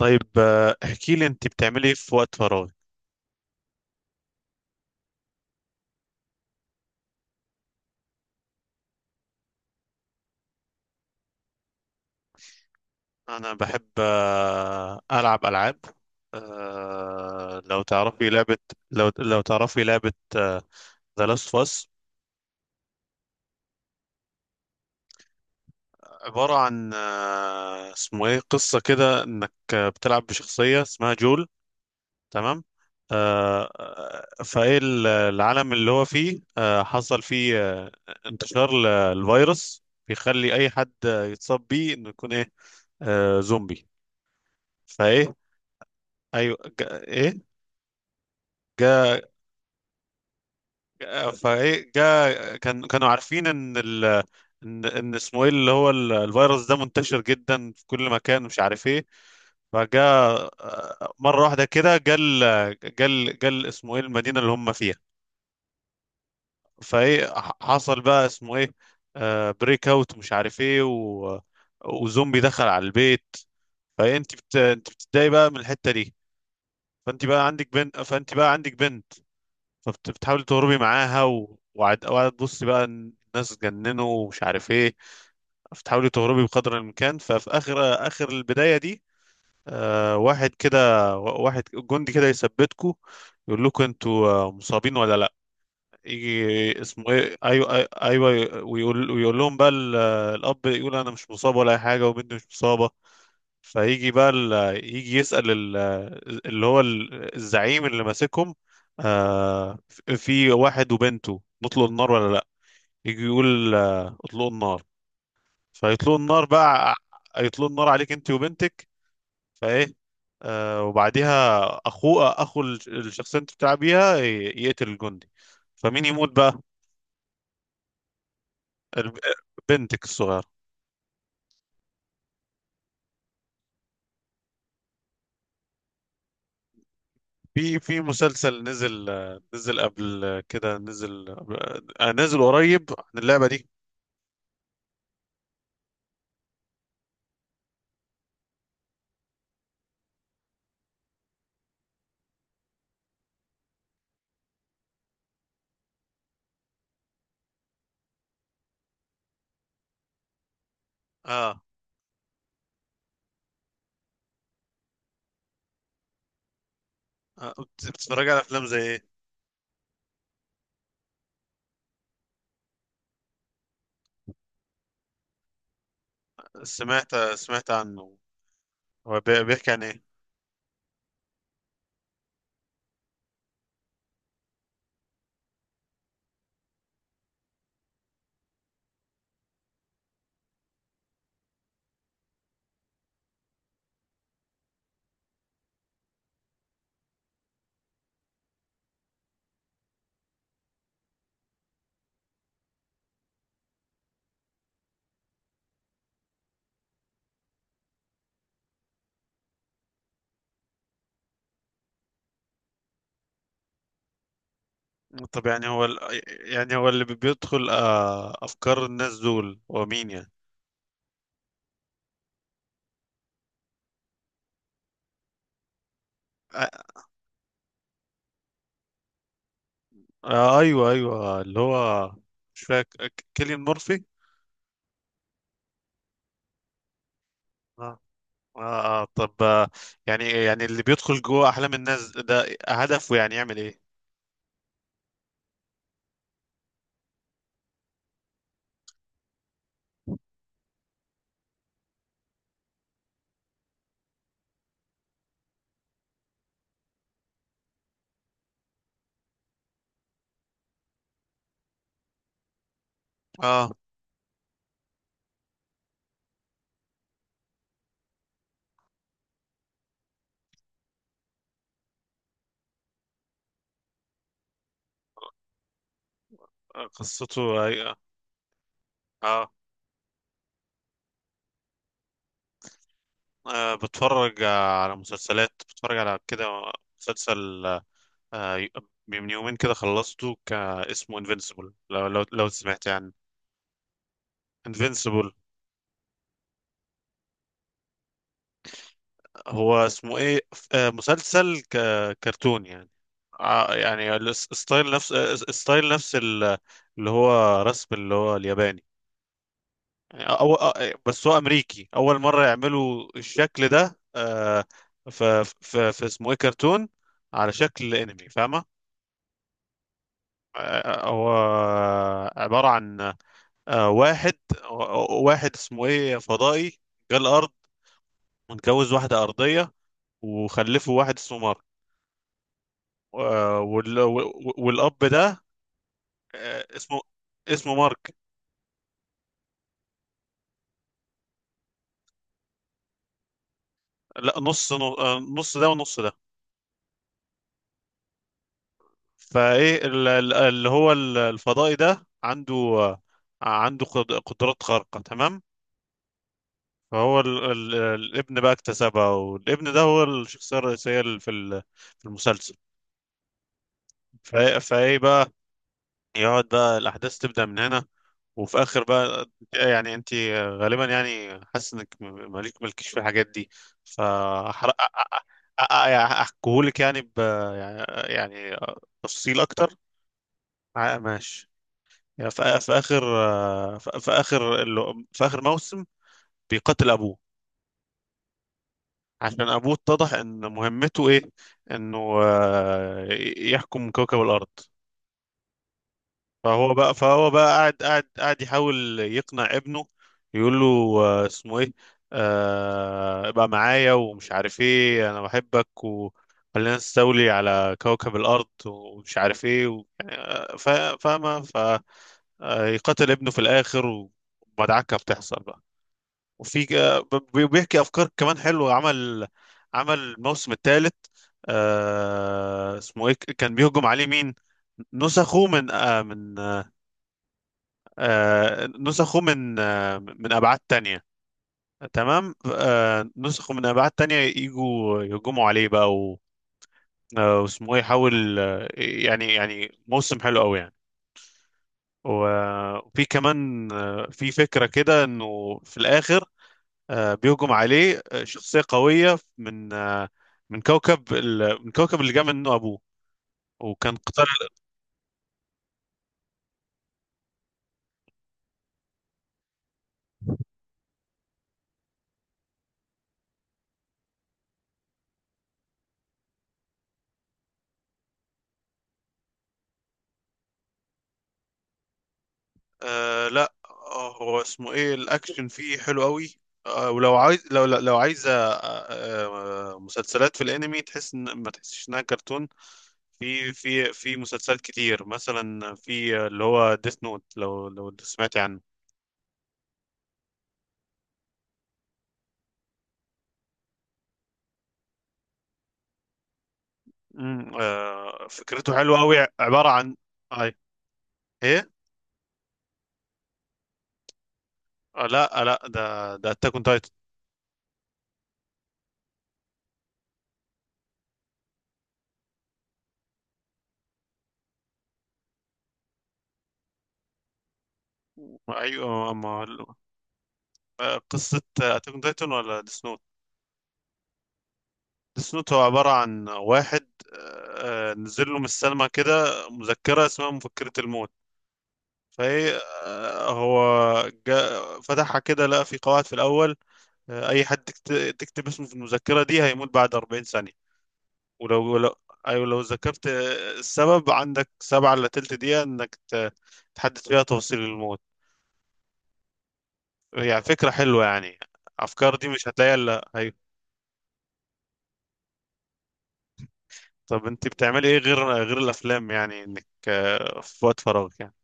طيب، احكي لي انت بتعملي ايه في وقت فراغ؟ انا بحب العب العاب. لو تعرفي لعبة. لو تعرفي لعبة ذا لاست اوف اس. عبارة عن، اسمه ايه، قصة كده انك بتلعب بشخصية اسمها جول. تمام. فايه العالم اللي هو فيه حصل فيه انتشار للفيروس بيخلي اي حد يتصاب بيه انه يكون ايه، زومبي. فايه. ايوه، جا ايه؟ جا. فايه، جا كانوا عارفين ان ال ان ان اسمه ايه، اللي هو الفيروس ده منتشر جدا في كل مكان، مش عارف ايه. فجا مره واحده كده، اسمه ايه المدينه اللي هم فيها. فايه حصل بقى اسمه ايه بريك اوت، مش عارف ايه، و وزومبي دخل على البيت. فانت انت بتتضايق بقى من الحته دي. فانت بقى عندك بنت. فبتحاولي تهربي معاها وقعد تبصي بقى إن الناس اتجننوا، ومش عارف ايه. بتحاولي تهربي بقدر الامكان، ففي اخر البدايه دي واحد كده، واحد جندي كده يثبتكوا، يقول لكم انتوا مصابين ولا لا. يجي اسمه ايه. ايوه، ايوه. أيوة، ويقول لهم بقى الاب يقول انا مش مصاب ولا اي حاجه، وبنتي مش مصابه. فيجي بقى يجي يسأل اللي هو الزعيم اللي ماسكهم. آه في واحد وبنته، نطلق النار ولا لا؟ يجي يقول اطلقوا النار. فيطلقوا النار بقى. يطلقوا النار عليك انت وبنتك. فايه وبعديها اخو الشخصيه انت بتلعب بيها يقتل الجندي. فمين يموت بقى؟ الب- بنتك الصغيره. في مسلسل نزل، نزل قبل كده، نزل. نزل قريب عن اللعبه دي. اه. بتتفرج على افلام زي ايه؟ سمعت عنه. هو بيحكي عن ايه؟ طب، يعني هو يعني هو اللي بيدخل افكار الناس دول هو مين يعني؟ آه ايوه، ايوه، اللي هو. مش فاكر كيليان مورفي. اه. اه. طب. يعني اللي بيدخل جوه احلام الناس ده هدفه يعني يعمل ايه؟ اه، قصته. هي... اه. بتفرج على مسلسلات، بتفرج على كده. مسلسل. آه، من يومين كده خلصته اسمه انفينسيبل، لو سمعت يعني. انفينسيبل. هو اسمه ايه. مسلسل كرتون يعني. يعني الستايل نفس، ستايل نفس اللي هو رسم، اللي هو الياباني. يعني بس هو امريكي، اول مره يعملوا الشكل ده. في اسمه ايه كرتون على شكل انمي، فاهمه؟ هو عباره عن آه، واحد واحد اسمه ايه فضائي. جه الارض. متجوز واحده ارضيه. وخلفه واحد اسمه مارك. والاب ده. آه، اسمه اسمه مارك. لا، نص نص ده ونص ده. فايه اللي هو الفضائي ده عنده قدرات خارقة، تمام. فهو الابن بقى اكتسبها، والابن ده هو الشخصية الرئيسية في في المسلسل. فايه بقى، يقعد بقى الأحداث تبدأ من هنا. وفي آخر بقى، يعني أنت غالبا يعني حاسس إنك مالكيش في الحاجات دي، فأحرق. أحكيهولك يعني، يعني تفصيل أكتر. ماشي. يعني في في اخر في اخر موسم بيقتل ابوه، عشان ابوه اتضح ان مهمته ايه، انه يحكم كوكب الارض. فهو بقى قاعد يحاول يقنع ابنه، يقول له، اسمه ايه، ابقى معايا، ومش عارف ايه، انا بحبك وخلينا نستولي على كوكب الارض، ومش عارف ايه، يعني، فاهمه. فيقتل ابنه في الاخر، ومدعكه بتحصل بقى. وفي بيحكي افكار كمان حلوه. عمل الموسم الثالث. اسمه ايه، كان بيهجم عليه مين؟ نسخه من من، نسخه من من ابعاد تانية. تمام. نسخه من ابعاد تانية يجوا يهجموا عليه بقى، واسمه ايه يحاول، يعني موسم حلو قوي يعني. وفي كمان، في فكرة كده انه في الاخر، بيهجم عليه شخصية قوية من، من كوكب اللي جاء منه أبوه، وكان قتال. لا، هو اسمه إيه، الأكشن فيه حلو قوي. ولو عايز، لو عايزة مسلسلات في الأنمي تحس إن، ما تحسش إنها كرتون. في مسلسلات كتير، مثلا في اللي هو ديث نوت، لو سمعتي عنه. فكرته حلوة قوي، عبارة عن. أي، إيه؟ لا، لا ده أتاك أون تايتن. ايوه، اما. قصه اتاك تايتن ولا ديس نوت؟ ديس نوت. هو عباره عن واحد نزل له من السلمه كده مذكره اسمها مفكره الموت. فهي. هو جا فتحها كده، لقى في قواعد. في الاول اي حد تكتب اسمه في المذكره دي هيموت بعد 40 ثانيه. ولو لو ايوه، لو ذكرت السبب، عندك سبعة الا تلت دقيقه انك تحدد فيها تفاصيل الموت. يعني فكره حلوه يعني. افكار دي مش هتلاقيها الا. طب، انت بتعملي ايه غير الافلام يعني، انك في وقت فراغك يعني؟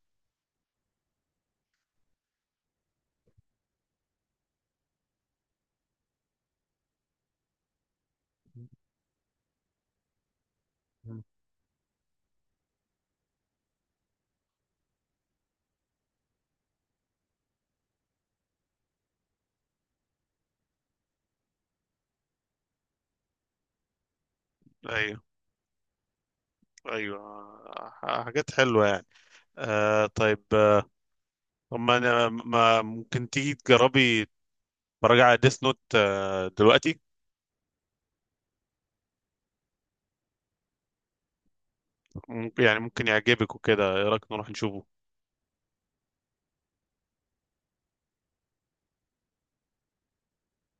مم. ايوه، ايوه، حاجات حلوه يعني. طيب. اما انا، ما، ممكن تيجي تجربي مراجعة على ديس نوت دلوقتي؟ ممكن يعني، ممكن يعجبك وكده، ايه رايك نروح نشوفه؟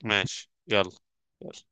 ماشي، يلا. يلا.